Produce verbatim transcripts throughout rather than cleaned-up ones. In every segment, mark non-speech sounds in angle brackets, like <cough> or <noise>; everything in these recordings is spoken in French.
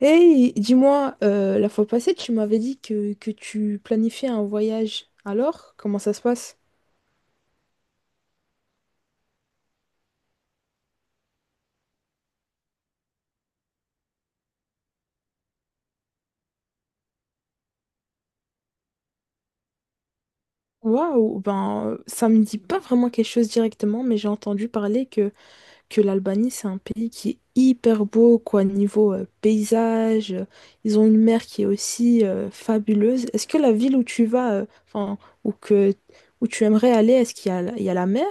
Hey, dis-moi, euh, la fois passée, tu m'avais dit que, que tu planifiais un voyage. Alors, comment ça se passe? Waouh, ben ça me dit pas vraiment quelque chose directement, mais j'ai entendu parler que, que l'Albanie, c'est un pays qui est hyper beau, quoi, niveau euh, paysage. euh, Ils ont une mer qui est aussi euh, fabuleuse. Est-ce que la ville où tu vas, euh, enfin, ou que où tu aimerais aller, est-ce qu'il y a, il y a la mer?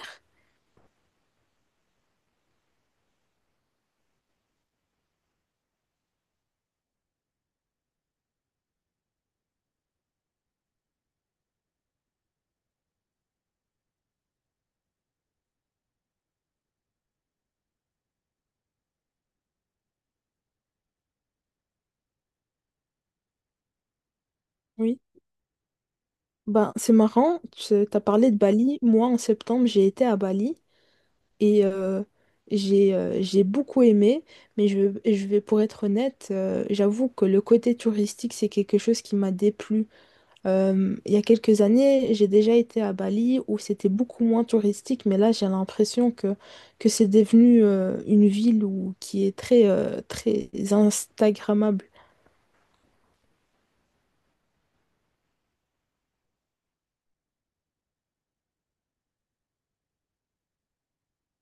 Oui. Ben, c'est marrant, tu as parlé de Bali. Moi, en septembre, j'ai été à Bali. Et euh, j'ai euh, j'ai beaucoup aimé, mais je, je vais, pour être honnête, euh, j'avoue que le côté touristique, c'est quelque chose qui m'a déplu. Euh, il y a quelques années, j'ai déjà été à Bali où c'était beaucoup moins touristique, mais là, j'ai l'impression que, que c'est devenu euh, une ville où, qui est très, euh, très Instagrammable.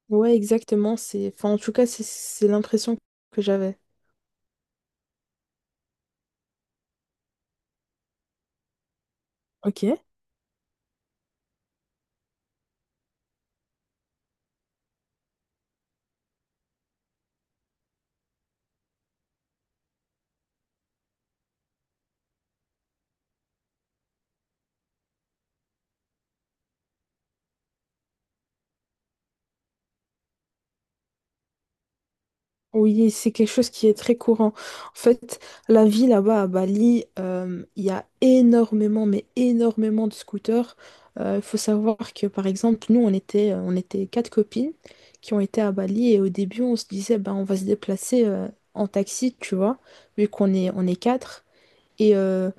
Ouais, exactement. C'est, enfin, en tout cas, c'est c'est l'impression que j'avais. Ok. Oui, c'est quelque chose qui est très courant. En fait, la vie là-bas à Bali, euh, il y a énormément, mais énormément de scooters. Euh, Il faut savoir que, par exemple, nous, on était, euh, on était quatre copines qui ont été à Bali et au début, on se disait, ben, on va se déplacer euh, en taxi, tu vois, vu qu'on est, on est quatre. Et euh,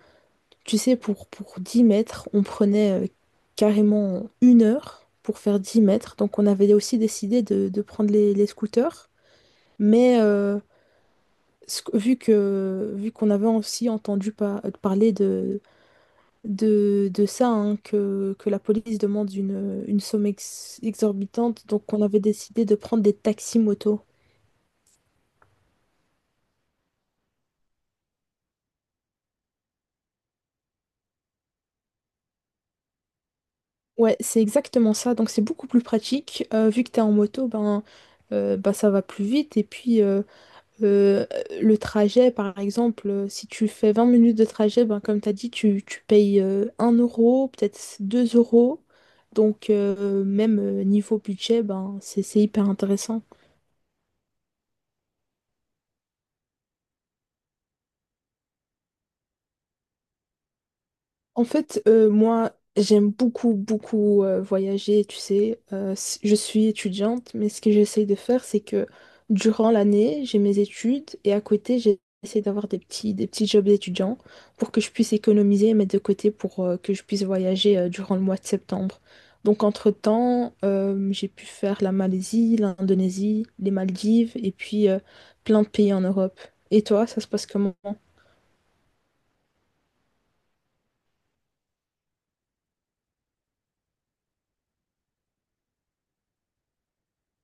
tu sais, pour, pour dix mètres, on prenait euh, carrément une heure pour faire dix mètres. Donc, on avait aussi décidé de, de prendre les, les scooters. Mais... euh, ce que- vu que vu qu'on avait aussi entendu par- parler de, de, de ça, hein, que, que la police demande une, une somme ex- exorbitante, donc on avait décidé de prendre des taxis moto. Ouais, c'est exactement ça, donc c'est beaucoup plus pratique. Euh, vu que tu es en moto, ben, euh, bah, ça va plus vite. Et puis, euh, Euh, le trajet, par exemple, euh, si tu fais vingt minutes de trajet, ben, comme tu as dit, tu, tu payes euh, un euro, peut-être deux euros. Donc, euh, même euh, niveau budget, ben, c'est c'est hyper intéressant. En fait, euh, moi, j'aime beaucoup, beaucoup euh, voyager, tu sais. Euh, c- je suis étudiante, mais ce que j'essaye de faire, c'est que durant l'année, j'ai mes études et à côté, j'essaie d'avoir des petits, des petits jobs d'étudiant pour que je puisse économiser et mettre de côté pour euh, que je puisse voyager euh, durant le mois de septembre. Donc, entre-temps, euh, j'ai pu faire la Malaisie, l'Indonésie, les Maldives et puis euh, plein de pays en Europe. Et toi, ça se passe comment?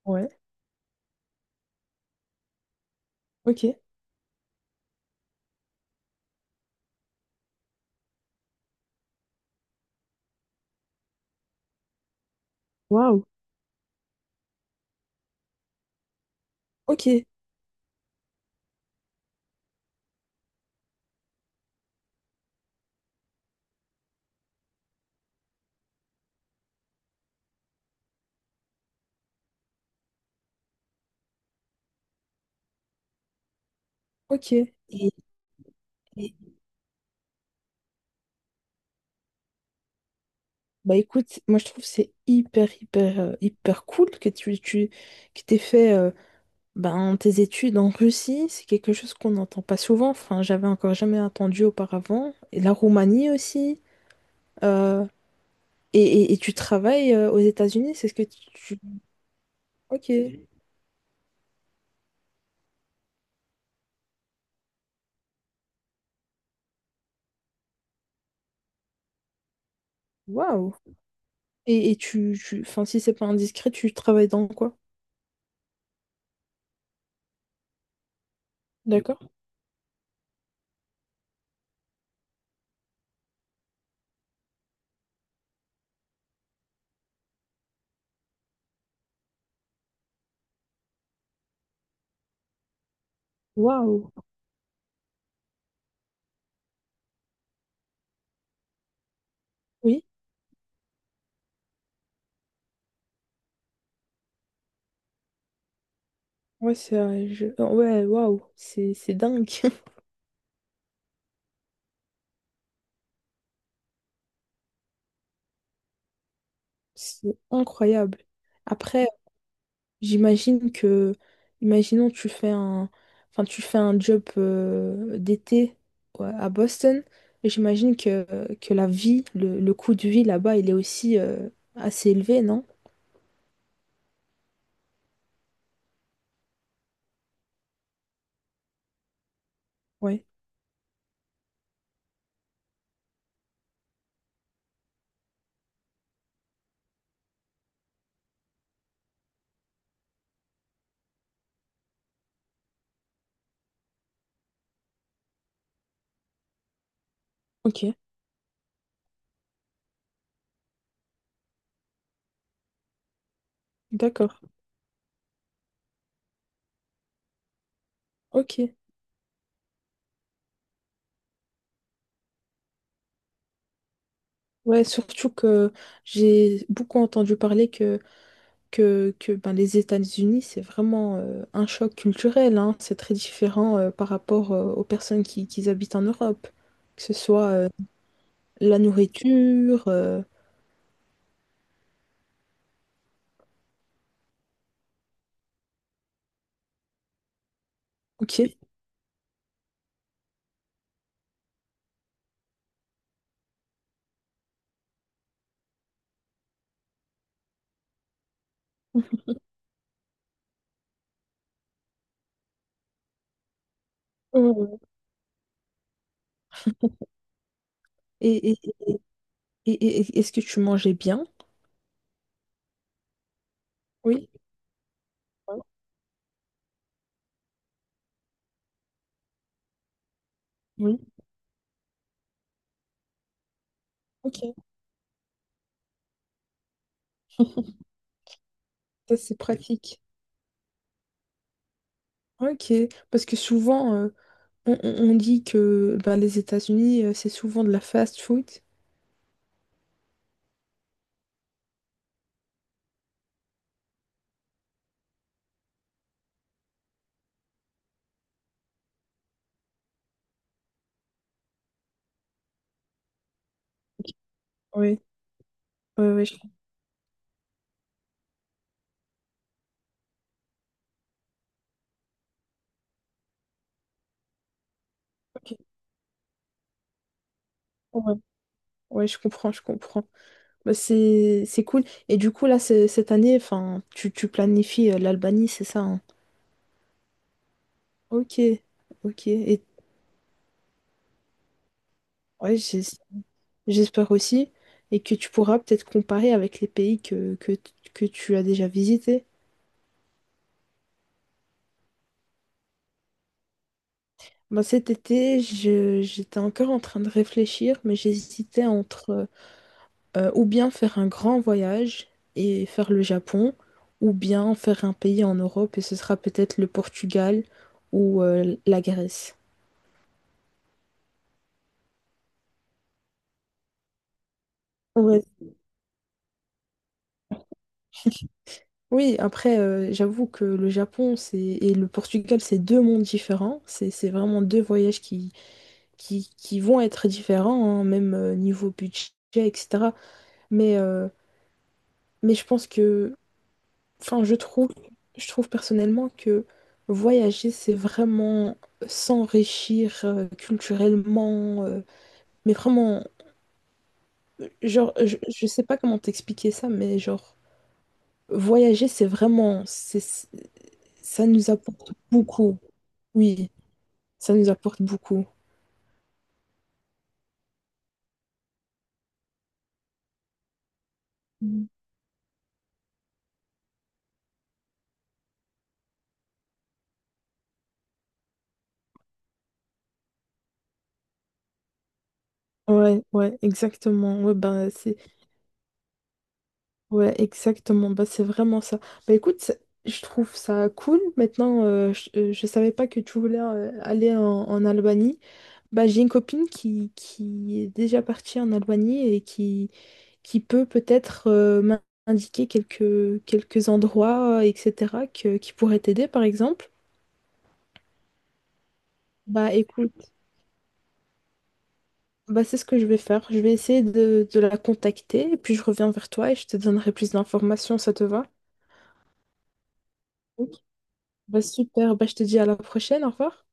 Ouais, ok. Waouh, ok, ok. Et Et- Bah écoute, moi je trouve que c'est hyper hyper euh, hyper cool que tu, tu que t'aies fait euh, ben, tes études en Russie, c'est quelque chose qu'on n'entend pas souvent, enfin j'avais encore jamais entendu auparavant, et la Roumanie aussi, euh, et, et, et tu travailles euh, aux États-Unis, c'est ce que tu... tu- Ok, waouh! Et, et tu, tu... Enfin si c'est pas indiscret, tu travailles dans quoi? D'accord? Waouh! Oui, ouais, c'est... euh, je- Ouais, waouh, c'est c'est dingue, <laughs> c'est incroyable. Après... J'imagine que, imaginons tu fais un, enfin tu fais un job euh, d'été ouais, à Boston, et j'imagine que, que la vie, le, le coût de vie là-bas, il est aussi euh, assez élevé, non? Ouais. Ok, d'accord. Ok. Ouais, surtout que j'ai beaucoup entendu parler que, que, que ben, les États-Unis, c'est vraiment euh, un choc culturel, hein. C'est très différent euh, par rapport euh, aux personnes qui, qui habitent en Europe, que ce soit euh, la nourriture. euh, Ok. Mhm. Mhm. <laughs> Et, et- et- et- et- est-ce que tu mangeais bien? Oui. Ouais. Oui. Ok. <laughs> Ça, c'est pratique. Ok. Parce que souvent, euh, on, on- on dit que ben, les États-Unis, euh, c'est souvent de la fast food. Ok. Oui, oui, oui, je ok. Ouais. Ouais, je comprends, je comprends. Bah, c'est, c'est cool. Et du coup, là, c'est- cette année, enfin, tu, tu planifies euh, l'Albanie, c'est ça, hein Ok, ok. Et ouais, j'ai- j'espère aussi, et que tu pourras peut-être comparer avec les pays que, que, que tu as déjà visités. Ben, cet été, je- j'étais encore en train de réfléchir, mais j'hésitais entre euh, ou bien faire un grand voyage et faire le Japon, ou bien faire un pays en Europe, et ce sera peut-être le Portugal ou euh, la Grèce. Ouais. Oui, après, euh, j'avoue que le Japon c'est... et le Portugal, c'est deux mondes différents. C'est c'est vraiment deux voyages qui, qui, qui vont être différents, hein, même euh, niveau budget, et cetera. Mais, euh, mais je pense que, enfin, je trouve, je trouve personnellement que voyager, c'est vraiment s'enrichir euh, culturellement, euh, mais vraiment, euh, genre, je, je sais pas comment t'expliquer ça, mais genre, voyager, c'est vraiment, c'est, ça nous apporte beaucoup. Oui, ça nous apporte beaucoup. Mm. Ouais, ouais, exactement. Ouais, ben, c'est Ouais, exactement. Bah, c'est vraiment ça. Bah, écoute, ça- je trouve ça cool. Maintenant, euh, je, euh, je savais pas que tu voulais euh, aller en, en Albanie. Bah, j'ai une copine qui, qui est déjà partie en Albanie et qui, qui peut peut-être euh, m'indiquer quelques, quelques endroits, euh, et cetera, que, qui pourraient t'aider, par exemple. Bah, écoute, bah, c'est ce que je vais faire. Je vais essayer de, de la contacter et puis je reviens vers toi et je te donnerai plus d'informations. Ça te va? Ok. Bah, super. Bah, je te dis à la prochaine. Au revoir.